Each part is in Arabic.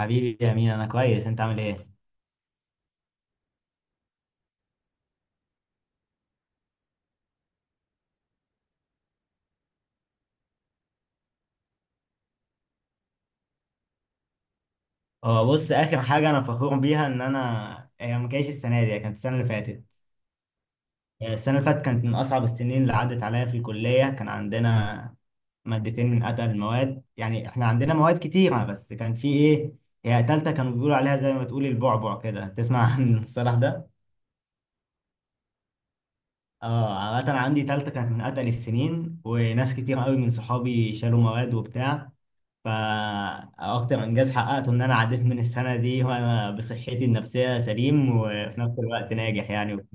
حبيبي يا مين، انا كويس. انت عامل ايه؟ اه بص، اخر حاجه انا فخور بيها ان انا، هي ما كانتش السنه دي، هي كانت السنه اللي فاتت. السنه اللي فاتت كانت من اصعب السنين اللي عدت عليا في الكليه. كان عندنا مادتين من اتقل المواد، يعني احنا عندنا مواد كتيره بس كان في ايه، هي تالتة كانوا بيقولوا عليها زي ما تقول البعبع كده، تسمع عن المصطلح ده. اه عامه، عندي تالتة كانت من اتقل السنين، وناس كتير قوي من صحابي شالوا مواد وبتاع. فأكتر إنجاز حققته إن أنا عديت من السنة دي وأنا بصحتي النفسية سليم وفي نفس الوقت ناجح يعني.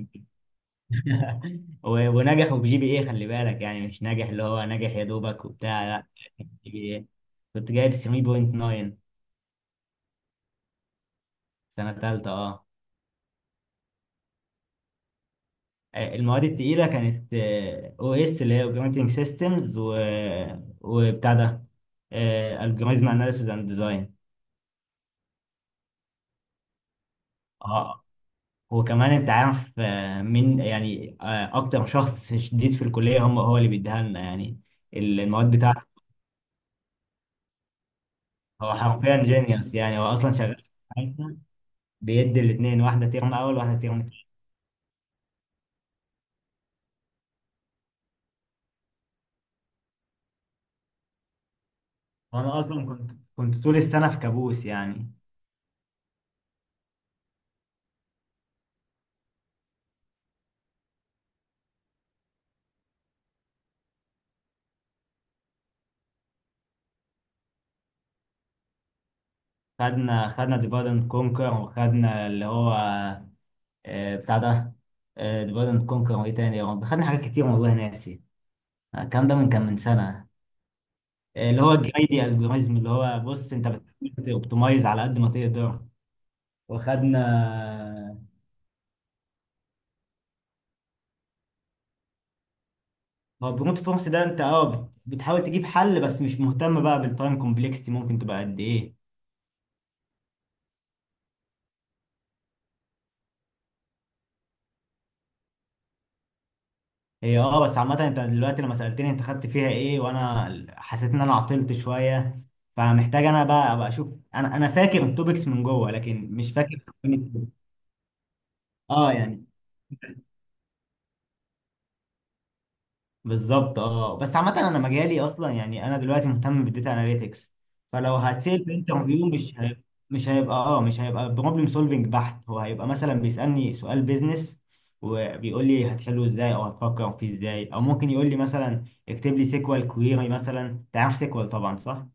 وناجح وفي جي بي إيه، خلي بالك، يعني مش ناجح اللي هو ناجح يا دوبك وبتاع، لا. جي بي إيه كنت جايب 7.9. سنة تالتة أه. المواد التقيلة كانت او اس اللي هي اوبريتنج سيستمز، وبتاع ده الجوريزم اناليسيز اند ديزاين. وكمان انت عارف مين يعني، اكتر شخص شديد في الكليه هم، هو اللي بيديها لنا يعني، المواد بتاعته. هو حرفيا جينيوس يعني. هو اصلا شغال في حياتنا. بيدي الاثنين، واحده ترم اول واحده ترم تاني. وانا اصلا كنت طول السنه في كابوس يعني. خدنا ديفايد اند كونكر، وخدنا اللي هو بتاع ده، ديفايد اند كونكر، وايه تاني يا رب؟ خدنا حاجات كتير والله ناسي، الكلام ده من كان من سنه. اللي هو الجريدي الجوريزم، اللي هو بص انت بتحاول توبتمايز على قد ما تقدر. وخدنا، هو برونت فورس ده انت اه بتحاول تجيب حل بس مش مهتم بقى بالتايم كومبلكستي ممكن تبقى قد ايه. هي اه بس عامة، انت دلوقتي لما سألتني انت خدت فيها ايه، وانا حسيت ان انا عطلت شوية، فمحتاج انا بقى ابقى اشوف. انا فاكر التوبكس من جوه لكن مش فاكر. اه يعني، بالظبط. اه بس عامة، انا مجالي اصلا يعني، انا دلوقتي مهتم بالداتا اناليتكس، فلو هتسال في انترفيو مش هيبقى، مش هيبقى بروبلم سولفنج بحت. هو هيبقى مثلا بيسألني سؤال بيزنس وبيقول لي هتحله ازاي او هتفكر فيه ازاي، او ممكن يقول لي مثلا اكتب لي سيكوال كويري مثلا. تعرف سيكوال طبعا صح؟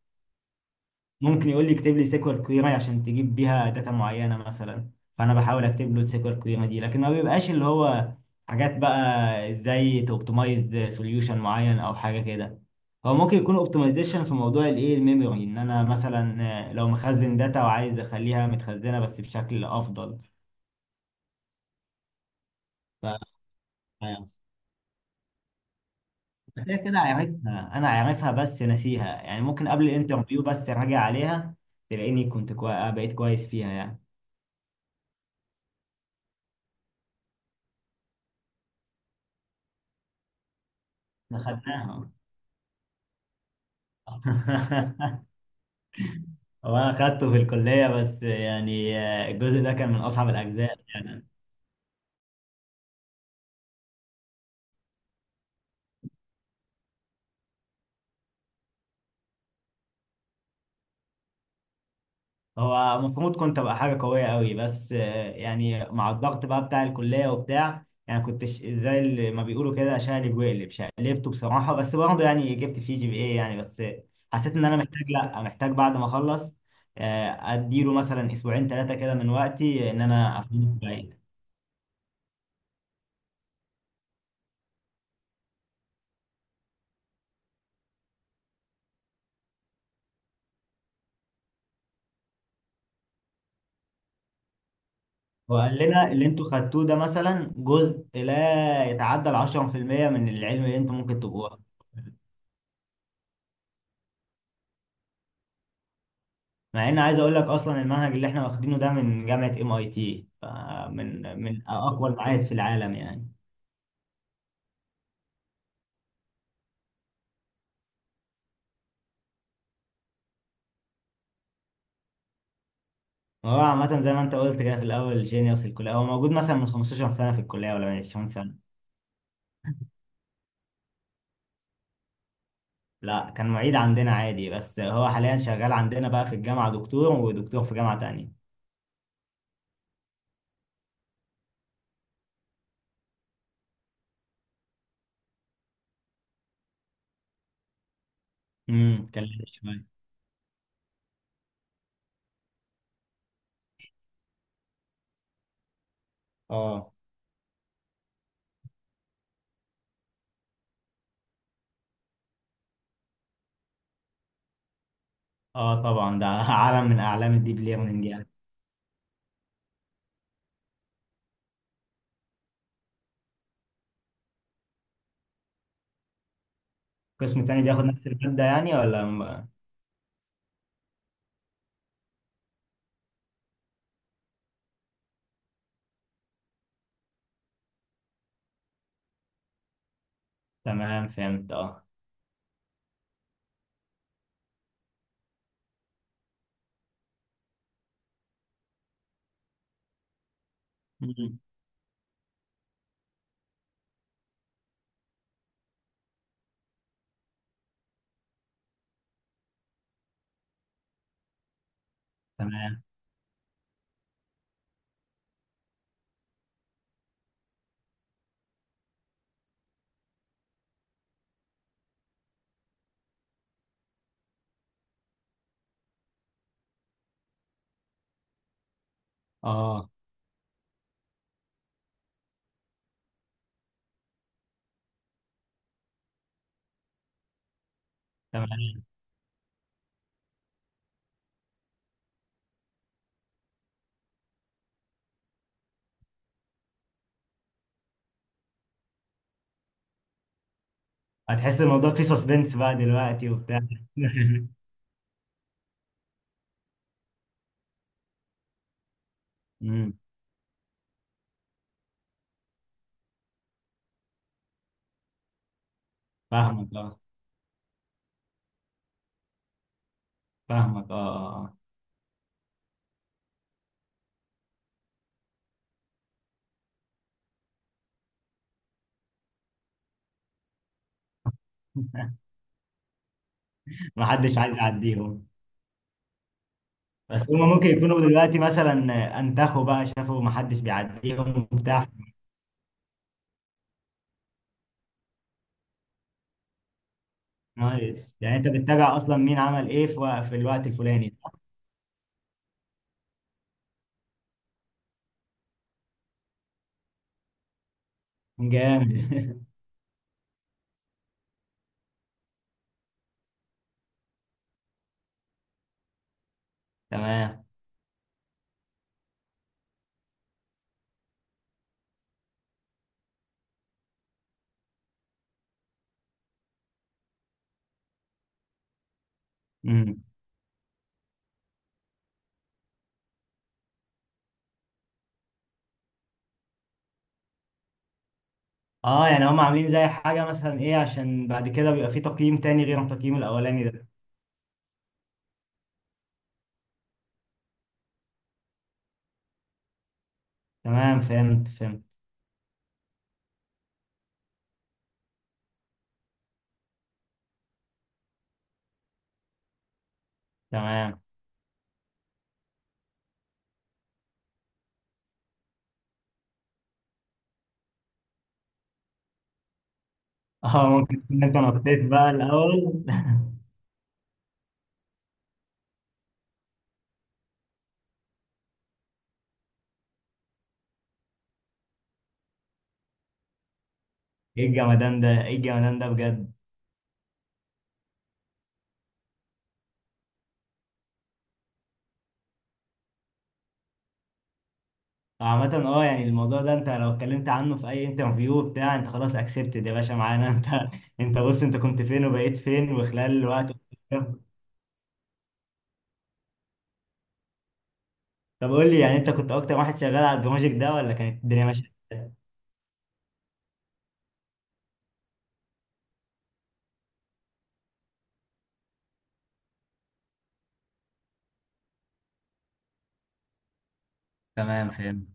ممكن يقول لي اكتب لي سيكوال كويري عشان تجيب بيها داتا معينه مثلا، فانا بحاول اكتب له السيكوال كويري دي. لكن ما بيبقاش اللي هو حاجات بقى ازاي توبتمايز سوليوشن معين او حاجه كده. هو ممكن يكون اوبتمايزيشن في موضوع الايه، الميموري، ان انا مثلا لو مخزن داتا وعايز اخليها متخزنه بس بشكل افضل. ف كده كده عارفها، انا عارفها بس ناسيها يعني. ممكن قبل الانترفيو بس راجع عليها تلاقيني بقيت كويس فيها يعني. احنا خدناها. هو انا خدته في الكليه بس يعني الجزء ده كان من اصعب الاجزاء يعني. هو المفروض كنت ابقى حاجه قويه قوي بس يعني مع الضغط بقى بتاع الكليه وبتاع، يعني كنت زي اللي ما بيقولوا كده شقلب واقلب شقلبته بصراحه، بس برضه يعني جبت فيه جي بي اي يعني. بس حسيت ان انا محتاج بعد ما اخلص اديله مثلا اسبوعين ثلاثه كده من وقتي ان انا افهمه بعيد. وقال لنا اللي انتوا خدتوه ده مثلا جزء لا يتعدى ال 10% من العلم اللي انتوا ممكن تبقوه. مع ان عايز اقول لك اصلا المنهج اللي احنا واخدينه ده من جامعه ام اي تي، فمن اقوى المعاهد في العالم يعني. هو عامه زي ما انت قلت كده في الاول، جينيوس الكليه، هو موجود مثلا من 15 سنه في الكليه ولا من 20 سنه. لا كان معيد عندنا عادي، بس هو حاليا شغال عندنا بقى في الجامعه دكتور، ودكتور في جامعه تانية. امم، كان لذيذ شويه. اه، اه طبعا ده عالم من اعلام الديب ليرنينج يعني. قسم تاني بياخد نفس الماده يعني ولا تمام فهمت اه. مم. تمام. اه تمام، هتحس الموضوع فيه سسبنس بقى دلوقتي وبتاع. امم، فاهمك اه، فاهمك اه آه، آه. محدش عايز يعديهم. بس هما ممكن يكونوا دلوقتي مثلا انتخوا بقى شافوا محدش بيعديهم وبتاع. نايس، يعني انت بتتابع اصلا مين عمل ايه في في الوقت الفلاني. جامد. تمام. امم. اه يعني هم عاملين زي حاجة مثلا ايه عشان بعد كده بيبقى في تقييم تاني غير التقييم الاولاني ده. تمام فهمت فهمت. تمام، اه ممكن تكون انت نطيت بقى الاول. ايه الجمدان ده، ايه الجمدان ده بجد. عامة اه، يعني الموضوع ده انت لو اتكلمت عنه في اي انترفيو بتاع، انت خلاص اكسبتد يا باشا معانا. انت، انت بص، انت كنت فين وبقيت فين وخلال الوقت. طب قول لي يعني، انت كنت اكتر واحد شغال على البروجكت ده ولا كانت الدنيا ماشية إزاي؟ تمام فهمت،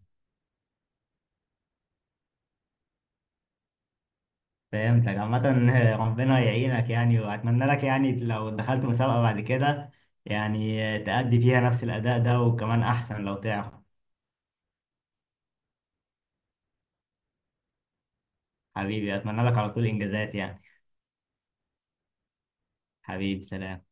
فهمتك عامة. ربنا يعينك يعني، واتمنى لك يعني لو دخلت مسابقة بعد كده يعني تأدي فيها نفس الاداء ده وكمان احسن لو تعرف. حبيبي اتمنى لك على طول انجازات يعني. حبيبي سلام.